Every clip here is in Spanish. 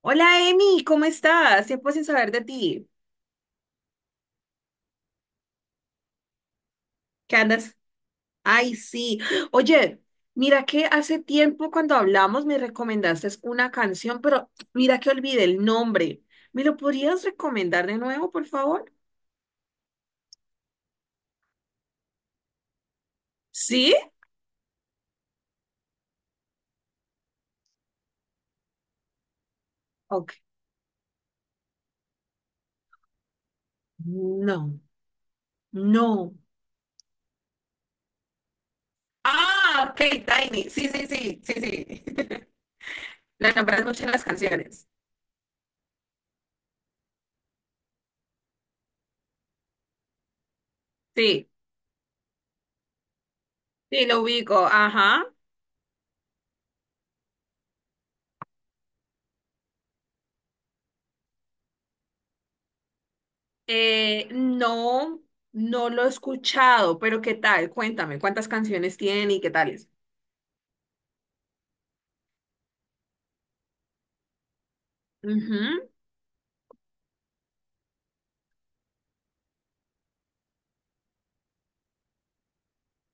Hola Emi, ¿cómo estás? Tiempo sin saber de ti. ¿Qué andas? Ay, sí. Oye, mira que hace tiempo cuando hablamos me recomendaste una canción, pero mira que olvidé el nombre. ¿Me lo podrías recomendar de nuevo, por favor? ¿Sí? Ok. No, no. Ah, ok, Tiny. Sí, sí, sí, sí, sí. La nombras mucho en las canciones. Sí, sí, lo ubico. Ajá. No, no lo he escuchado, pero ¿qué tal? Cuéntame, ¿cuántas canciones tiene y qué tal es? Ujú.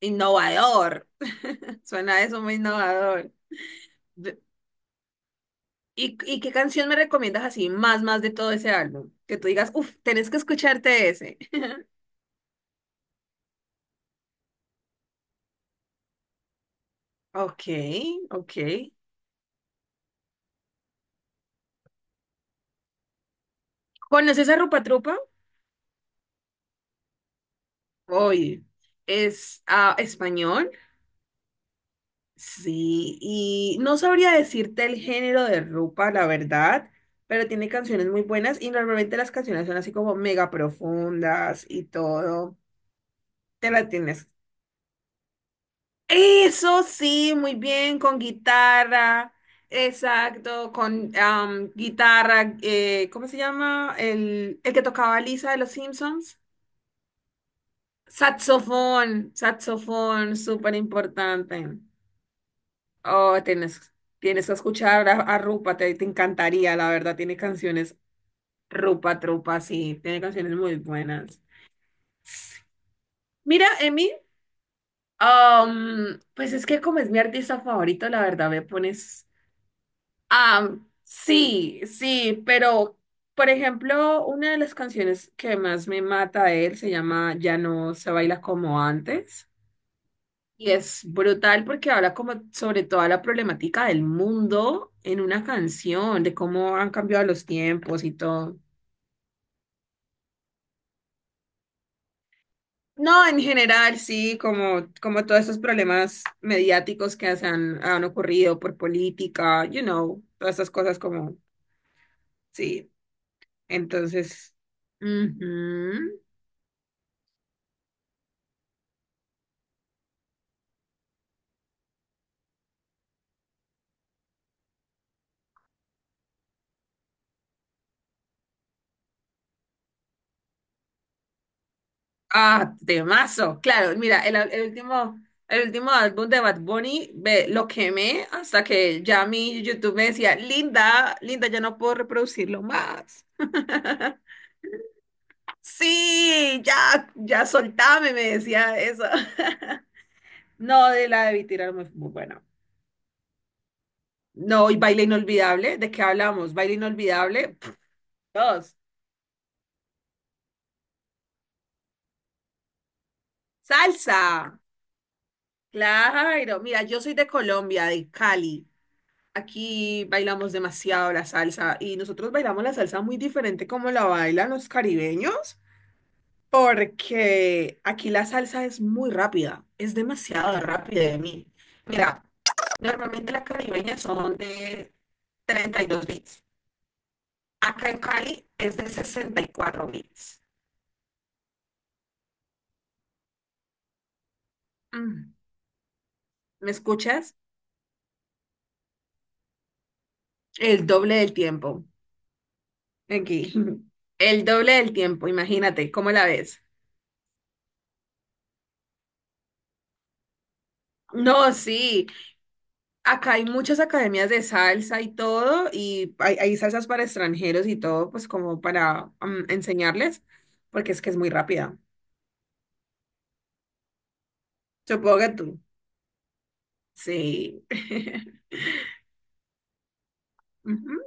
Innovador. Suena eso muy innovador. De- ¿Y, qué canción me recomiendas así, más de todo ese álbum? Que tú digas, uff, tenés que escucharte ese. Ok, ok. ¿Conoces a Rupa Trupa? Oye, es español. Sí, y no sabría decirte el género de Rupa, la verdad, pero tiene canciones muy buenas y normalmente las canciones son así como mega profundas y todo. Te la tienes. Eso sí, muy bien, con guitarra, exacto, con guitarra, ¿cómo se llama? El que tocaba Lisa de los Simpsons. Saxofón, saxofón, súper importante. Oh, tienes, tienes que escuchar a Rupa, te encantaría, la verdad, tiene canciones, Rupa Trupa, sí, tiene canciones muy buenas. Mira, Emi, pues es que como es mi artista favorito, la verdad me pones... Ah, sí, sí, pero, por ejemplo, una de las canciones que más me mata de él se llama Ya no se baila como antes. Y es brutal porque habla como sobre toda la problemática del mundo en una canción, de cómo han cambiado los tiempos y todo. No, en general, sí, como, como todos estos problemas mediáticos que han ocurrido por política, you know, todas esas cosas como, sí, entonces, ujú. Ah, temazo. Claro, mira, el último álbum de Bad Bunny, ve, lo quemé hasta que ya mi YouTube me decía, Linda, Linda, ya no puedo reproducirlo más. Sí, ya, ya soltame, me decía eso. No, de la debí tirar muy, muy buena. No, y baile inolvidable, ¿de qué hablamos? Baile inolvidable, pf, dos. Salsa. Claro, mira, yo soy de Colombia, de Cali. Aquí bailamos demasiado la salsa y nosotros bailamos la salsa muy diferente como la bailan los caribeños, porque aquí la salsa es muy rápida, es demasiado rápida de mí. Mira, normalmente las caribeñas son de 32 bits. Acá en Cali es de 64 bits. Mm, ¿me escuchas? El doble del tiempo. Aquí. El doble del tiempo, imagínate, ¿cómo la ves? No, sí. Acá hay muchas academias de salsa y todo, y hay salsas para extranjeros y todo, pues como para enseñarles, porque es que es muy rápida. Supongo que tú. Sí. Ujú.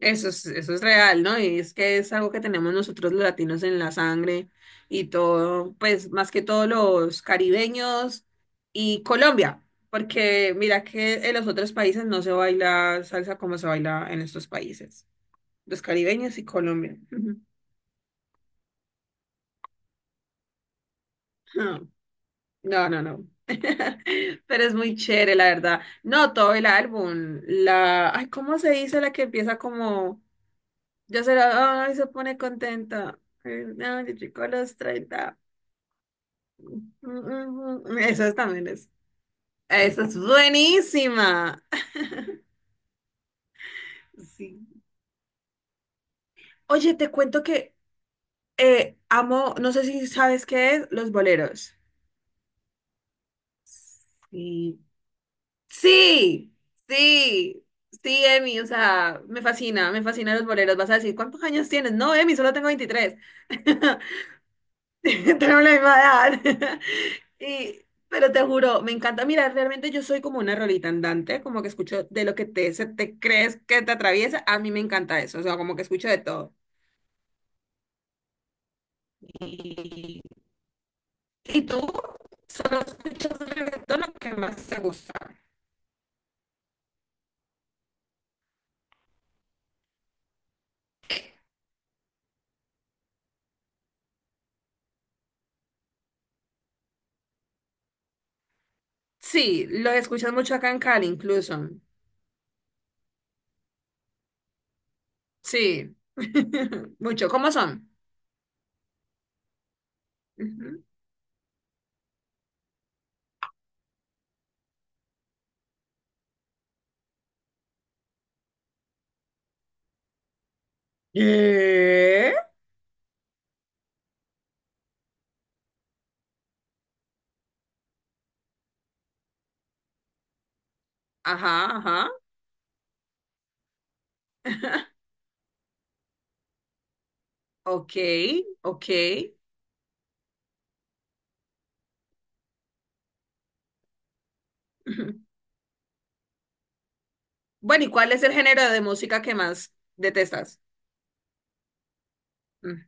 Eso es real, ¿no? Y es que es algo que tenemos nosotros los latinos en la sangre y todo, pues más que todos los caribeños y Colombia, porque mira que en los otros países no se baila salsa como se baila en estos países, los caribeños y Colombia. Ujú. Ah. No, no, no. Pero es muy chévere, la verdad. No, todo el álbum. La. Ay, ¿cómo se dice la que empieza como? Yo se la. Ay, se pone contenta. Ay, no, yo chico a los 30. Eso es también es. Esa es buenísima. Sí. Oye, te cuento que amo, no sé si sabes qué es, los boleros. Sí, sí, sí, sí, Emi, o sea, me fascinan los boleros. Vas a decir, ¿cuántos años tienes? No, Emi, solo tengo 23. Tenemos la misma edad. Y, pero te juro, me encanta. Mira, realmente yo soy como una rolita andante, como que escucho de lo que te, se te crees que te atraviesa. A mí me encanta eso, o sea, como que escucho de todo. ¿Y, y tú? ¿Solo escuchas reggaetón o qué más te gusta? Sí, lo escuchas mucho acá en Cali, incluso. Sí, mucho. ¿Cómo son? Ujú. ¿Qué? Ajá, ajá. Ok, ok. Ujú. Bueno, ¿y cuál es el género de música que más detestas? Mm.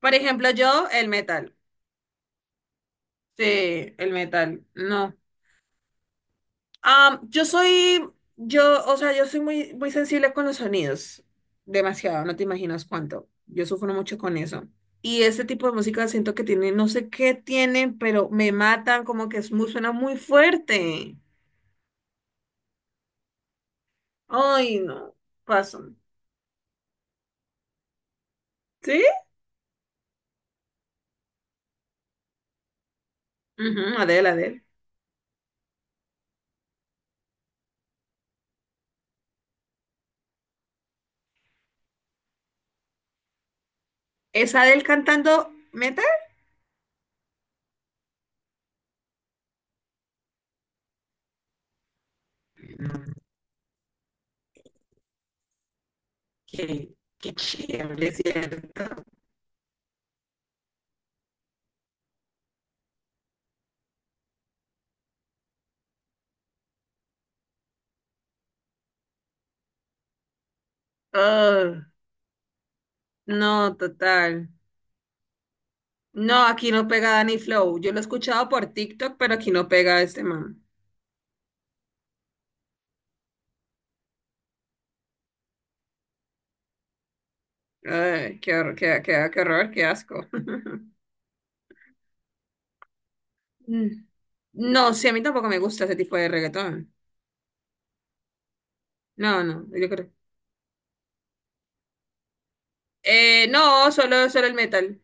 Por ejemplo, yo, el metal. Sí, el metal. No, Ah, yo soy, yo, o sea, yo soy muy, muy sensible con los sonidos, demasiado, no te imaginas cuánto. Yo sufro mucho con eso. Y este tipo de música siento que tiene, no sé qué tienen, pero me matan, como que es muy, suena muy fuerte. Ay, no, paso. ¿Sí? Ujú, Adele, Adele. ¿Es Adele cantando metal? Mm. Qué, qué chévere, ¿cierto? Ah, no, total. No, aquí no pega Danny Flow. Yo lo he escuchado por TikTok, pero aquí no pega este man. Ay, qué horror, qué, qué, qué horror, qué asco. Mm. No, sí, a mí tampoco me gusta ese tipo de reggaetón. No, no, yo creo. No, solo, solo el metal.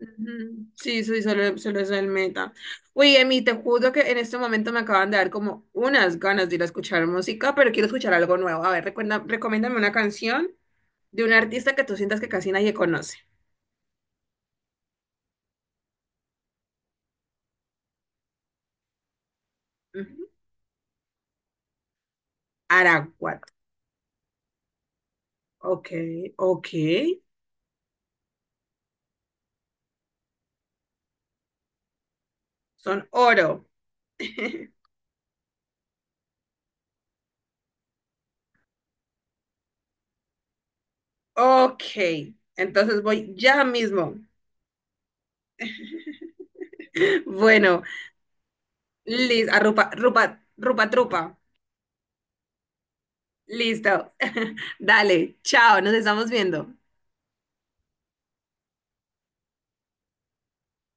Ujú. Sí, sí, solo, solo es el metal. Oye, Emi, te juro que en este momento me acaban de dar como unas ganas de ir a escuchar música, pero quiero escuchar algo nuevo. A ver, recuerda, recomiéndame una canción de un artista que tú sientas que casi nadie conoce. Ujú. Araguat. Ok, ok. Son oro. Ok. Entonces voy ya mismo. Bueno, listo. Rupa, rupa, rupa, trupa. Listo. Dale, chao, nos estamos viendo.